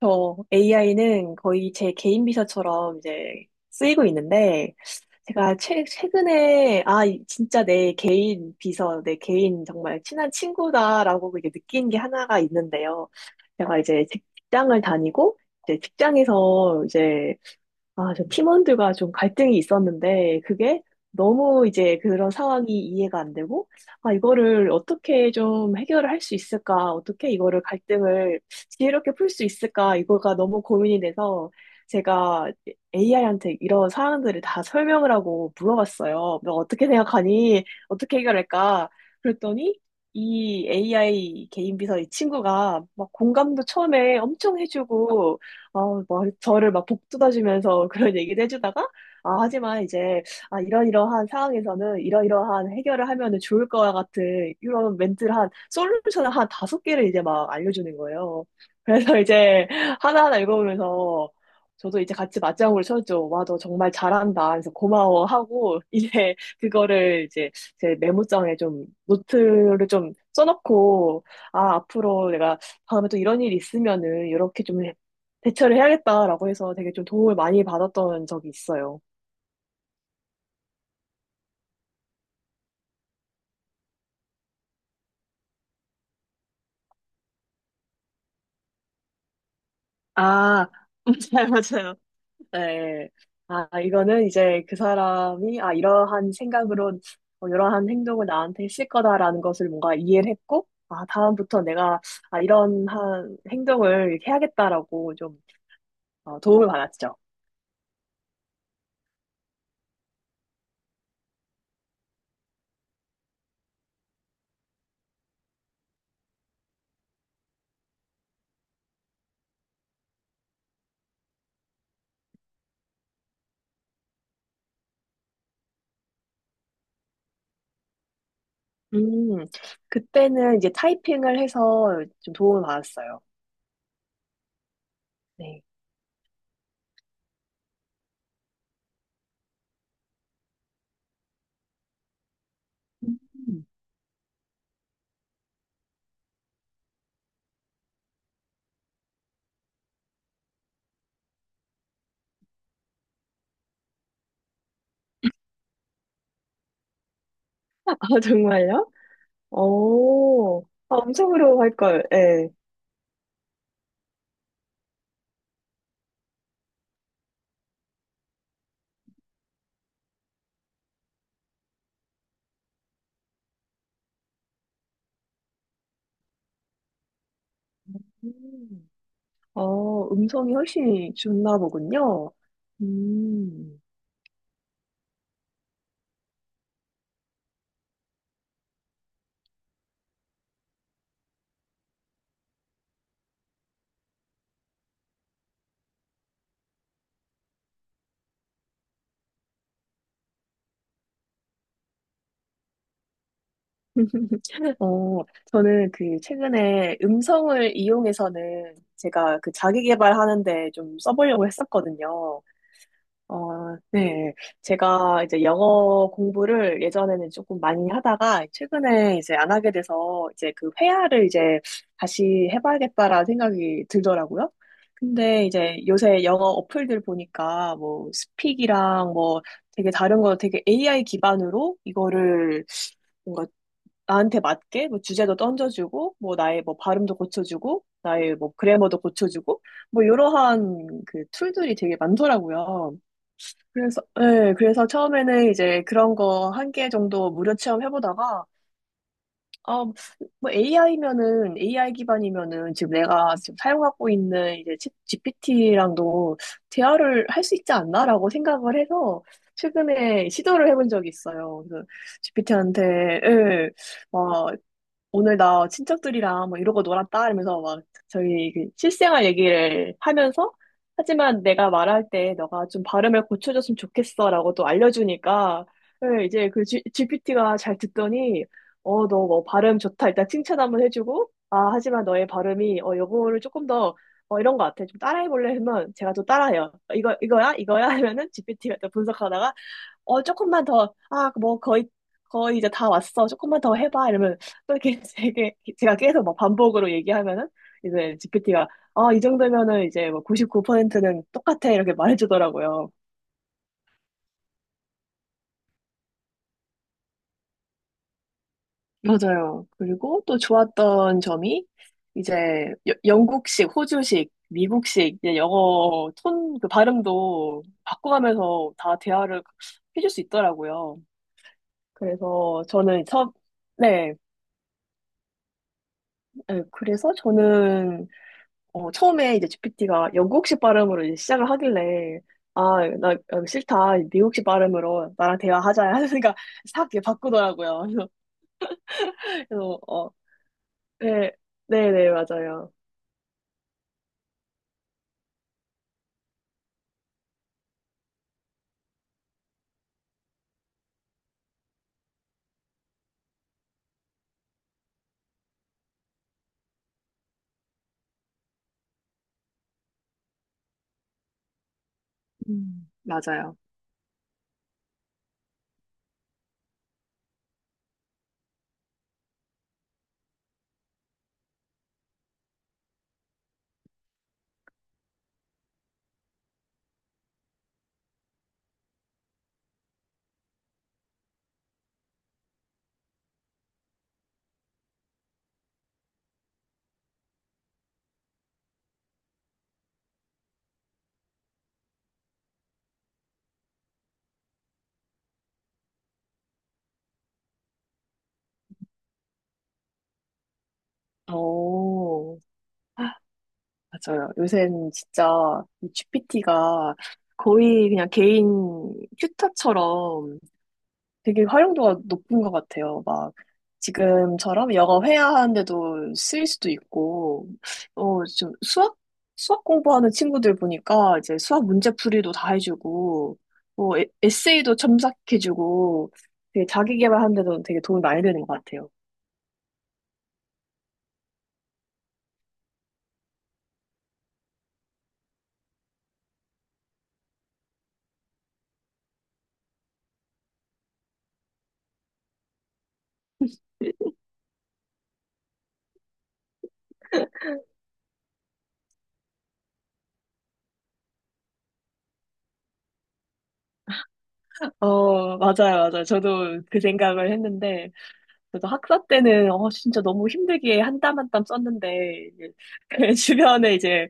저 AI는 거의 제 개인 비서처럼 이제 쓰이고 있는데, 제가 최근에, 진짜 내 개인 비서, 내 개인 정말 친한 친구다라고 이제 느낀 게 하나가 있는데요. 제가 이제 직장을 다니고, 이제 직장에서 이제 저 팀원들과 좀 갈등이 있었는데, 그게 너무 이제 그런 상황이 이해가 안 되고, 이거를 어떻게 좀 해결을 할 수 있을까, 어떻게 이거를 갈등을 지혜롭게 풀 수 있을까, 이거가 너무 고민이 돼서, 제가 AI한테 이런 상황들을 다 설명을 하고 물어봤어요. 너 어떻게 생각하니? 어떻게 해결할까? 그랬더니, 이 AI 개인 비서 이 친구가 막 공감도 처음에 엄청 해주고, 뭐, 저를 막 복돋아주면서 그런 얘기도 해주다가, 하지만 이제, 이러이러한 상황에서는 이러이러한 해결을 하면은 좋을 거와 같은 이런 멘트를 한, 솔루션을 한 다섯 개를 이제 막 알려주는 거예요. 그래서 이제 하나하나 읽어보면서, 저도 이제 같이 맞장구를 쳤죠. 와, 너 정말 잘한다. 그래서 고마워 하고, 이제 그거를 이제 제 메모장에 좀 노트를 좀 써놓고, 앞으로 내가 다음에 또 이런 일이 있으면은 이렇게 좀 대처를 해야겠다라고 해서 되게 좀 도움을 많이 받았던 적이 있어요. 아, 맞아요, 맞아요. 네. 이거는 이제 그 사람이, 이러한 생각으로, 이러한 행동을 나한테 했을 거다라는 것을 뭔가 이해를 했고, 다음부터 내가, 이런 한 행동을 해야겠다라고 좀 도움을 받았죠. 음, 그때는 이제 타이핑을 해서 좀 도움을 받았어요. 네. 음. 정말요? 오, 음성으로 할 걸. 예. 음. 음성이 훨씬 좋나 보군요. 음. 어, 저는 그 최근에 음성을 이용해서는 제가 그 자기 개발하는데 좀 써보려고 했었거든요. 네. 제가 이제 영어 공부를 예전에는 조금 많이 하다가 최근에 이제 안 하게 돼서 이제 그 회화를 이제 다시 해봐야겠다라는 생각이 들더라고요. 근데 이제 요새 영어 어플들 보니까 뭐 스픽이랑 뭐 되게 다른 거 되게 AI 기반으로 이거를 뭔가 나한테 맞게 뭐 주제도 던져주고 뭐 나의 뭐 발음도 고쳐주고 나의 뭐 그래머도 고쳐주고 뭐 이러한 그 툴들이 되게 많더라고요. 그래서, 네, 그래서 처음에는 이제 그런 거 한 개 정도 무료 체험해보다가, 아, 뭐 AI면은, AI 기반이면은 지금 내가 지금 사용하고 있는 이제 GPT랑도 대화를 할 수 있지 않나라고 생각을 해서 최근에 시도를 해본 적이 있어요. 그래서 GPT한테, 오늘 나 친척들이랑 뭐 이러고 놀았다 이러면서 막 저희 그 실생활 얘기를 하면서 하지만 내가 말할 때 너가 좀 발음을 고쳐줬으면 좋겠어라고 또 알려주니까 예, 이제 그 GPT가 잘 듣더니 어 너 뭐 발음 좋다 일단 칭찬 한번 해주고 아 하지만 너의 발음이 어 요거를 조금 더 어 이런 거 같아 좀 따라해볼래 하면 제가 또 따라해요. 이거 이거야 이거야 하면은 GPT가 또 분석하다가 조금만 더, 뭐, 거의 이제 다 왔어. 조금만 더 해봐. 이러면 또 이렇게 되게, 제가 계속 막 반복으로 얘기하면은 이제 GPT가, 이 정도면은 이제 뭐 99%는 똑같아. 이렇게 말해주더라고요. 맞아요. 그리고 또 좋았던 점이 이제 영국식, 호주식, 미국식 이제 영어 톤 그 발음도 바꿔가면서 다 대화를 해줄 수 있더라고요. 그래서 저는 처, 네. 네, 그래서 저는 처음에 이제 GPT가 영국식 발음으로 이제 시작을 하길래, 나 싫다. 미국식 발음으로 나랑 대화하자. 하니까 싹 이렇게 바꾸더라고요. 그래서, 그래서, 어, 네, 네네, 맞아요. 음. 맞아요. 오, 맞아요. 요새는 진짜 이 GPT가 거의 그냥 개인 튜터처럼 되게 활용도가 높은 것 같아요. 막 지금처럼 영어 회화하는데도 쓰일 수도 있고, 좀 수학 공부하는 친구들 보니까 이제 수학 문제풀이도 다 해주고, 뭐 에세이도 첨삭해주고, 되게 자기 개발하는데도 되게 도움이 많이 되는 것 같아요. 맞아요, 맞아요. 저도 그 생각을 했는데, 저도 학사 때는, 진짜 너무 힘들게 한땀 한땀 썼는데, 이제 주변에 이제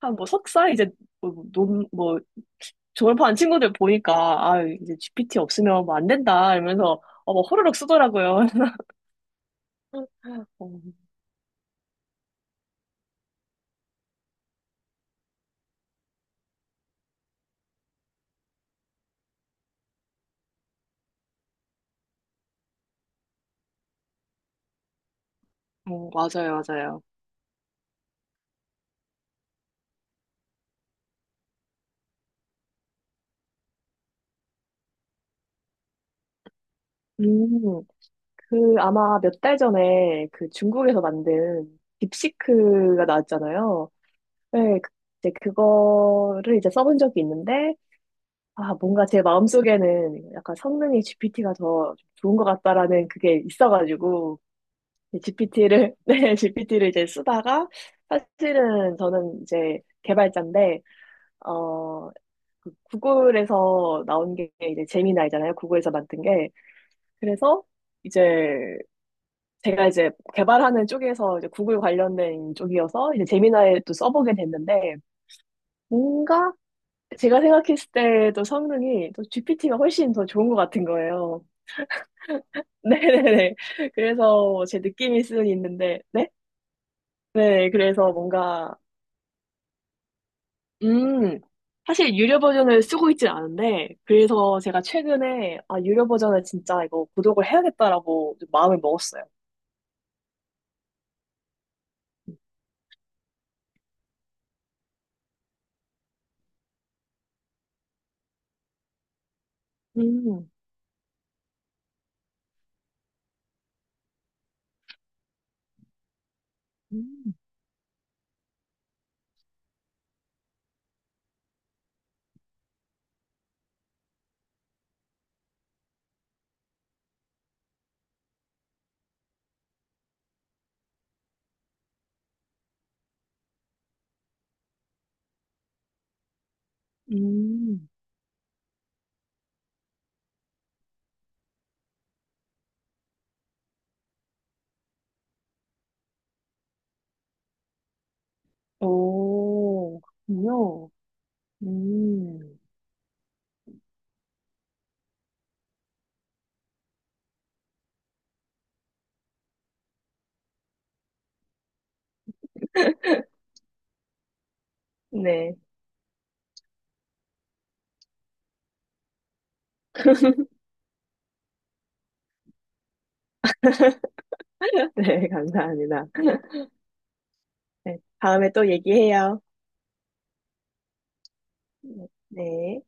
한 뭐 석사 이제 뭐, 논, 뭐 졸업한 친구들 보니까 아 이제 GPT 없으면 뭐 안 된다 이러면서 뭐 호로록 쓰더라고요. 어, 맞아요, 맞아요. 음, 그 아마 몇 달 전에 그 중국에서 만든 딥시크가 나왔잖아요. 네, 이제 그거를 이제 써본 적이 있는데, 뭔가 제 마음속에는 약간 성능이 GPT가 더 좋은 것 같다라는 그게 있어가지고, GPT를, 네, GPT를 이제 쓰다가, 사실은 저는 이제 개발자인데, 어, 그 구글에서 나온 게 이제 제미나이잖아요. 구글에서 만든 게. 그래서 이제 제가 이제 개발하는 쪽에서 이제 구글 관련된 쪽이어서 이제 제미나이 또 써보게 됐는데, 뭔가 제가 생각했을 때도 성능이 또 GPT가 훨씬 더 좋은 것 같은 거예요. 네네네. 그래서 제 느낌일 수는 있는데, 네? 네, 그래서 뭔가 음, 사실 유료 버전을 쓰고 있진 않은데, 그래서 제가 최근에, 유료 버전을 진짜 이거 구독을 해야겠다라고 좀 마음을 먹었어요. 음, 음, 음. 오, 그렇군요. 음, 네. 네, 감사합니다. 네, 다음에 또 얘기해요. 네.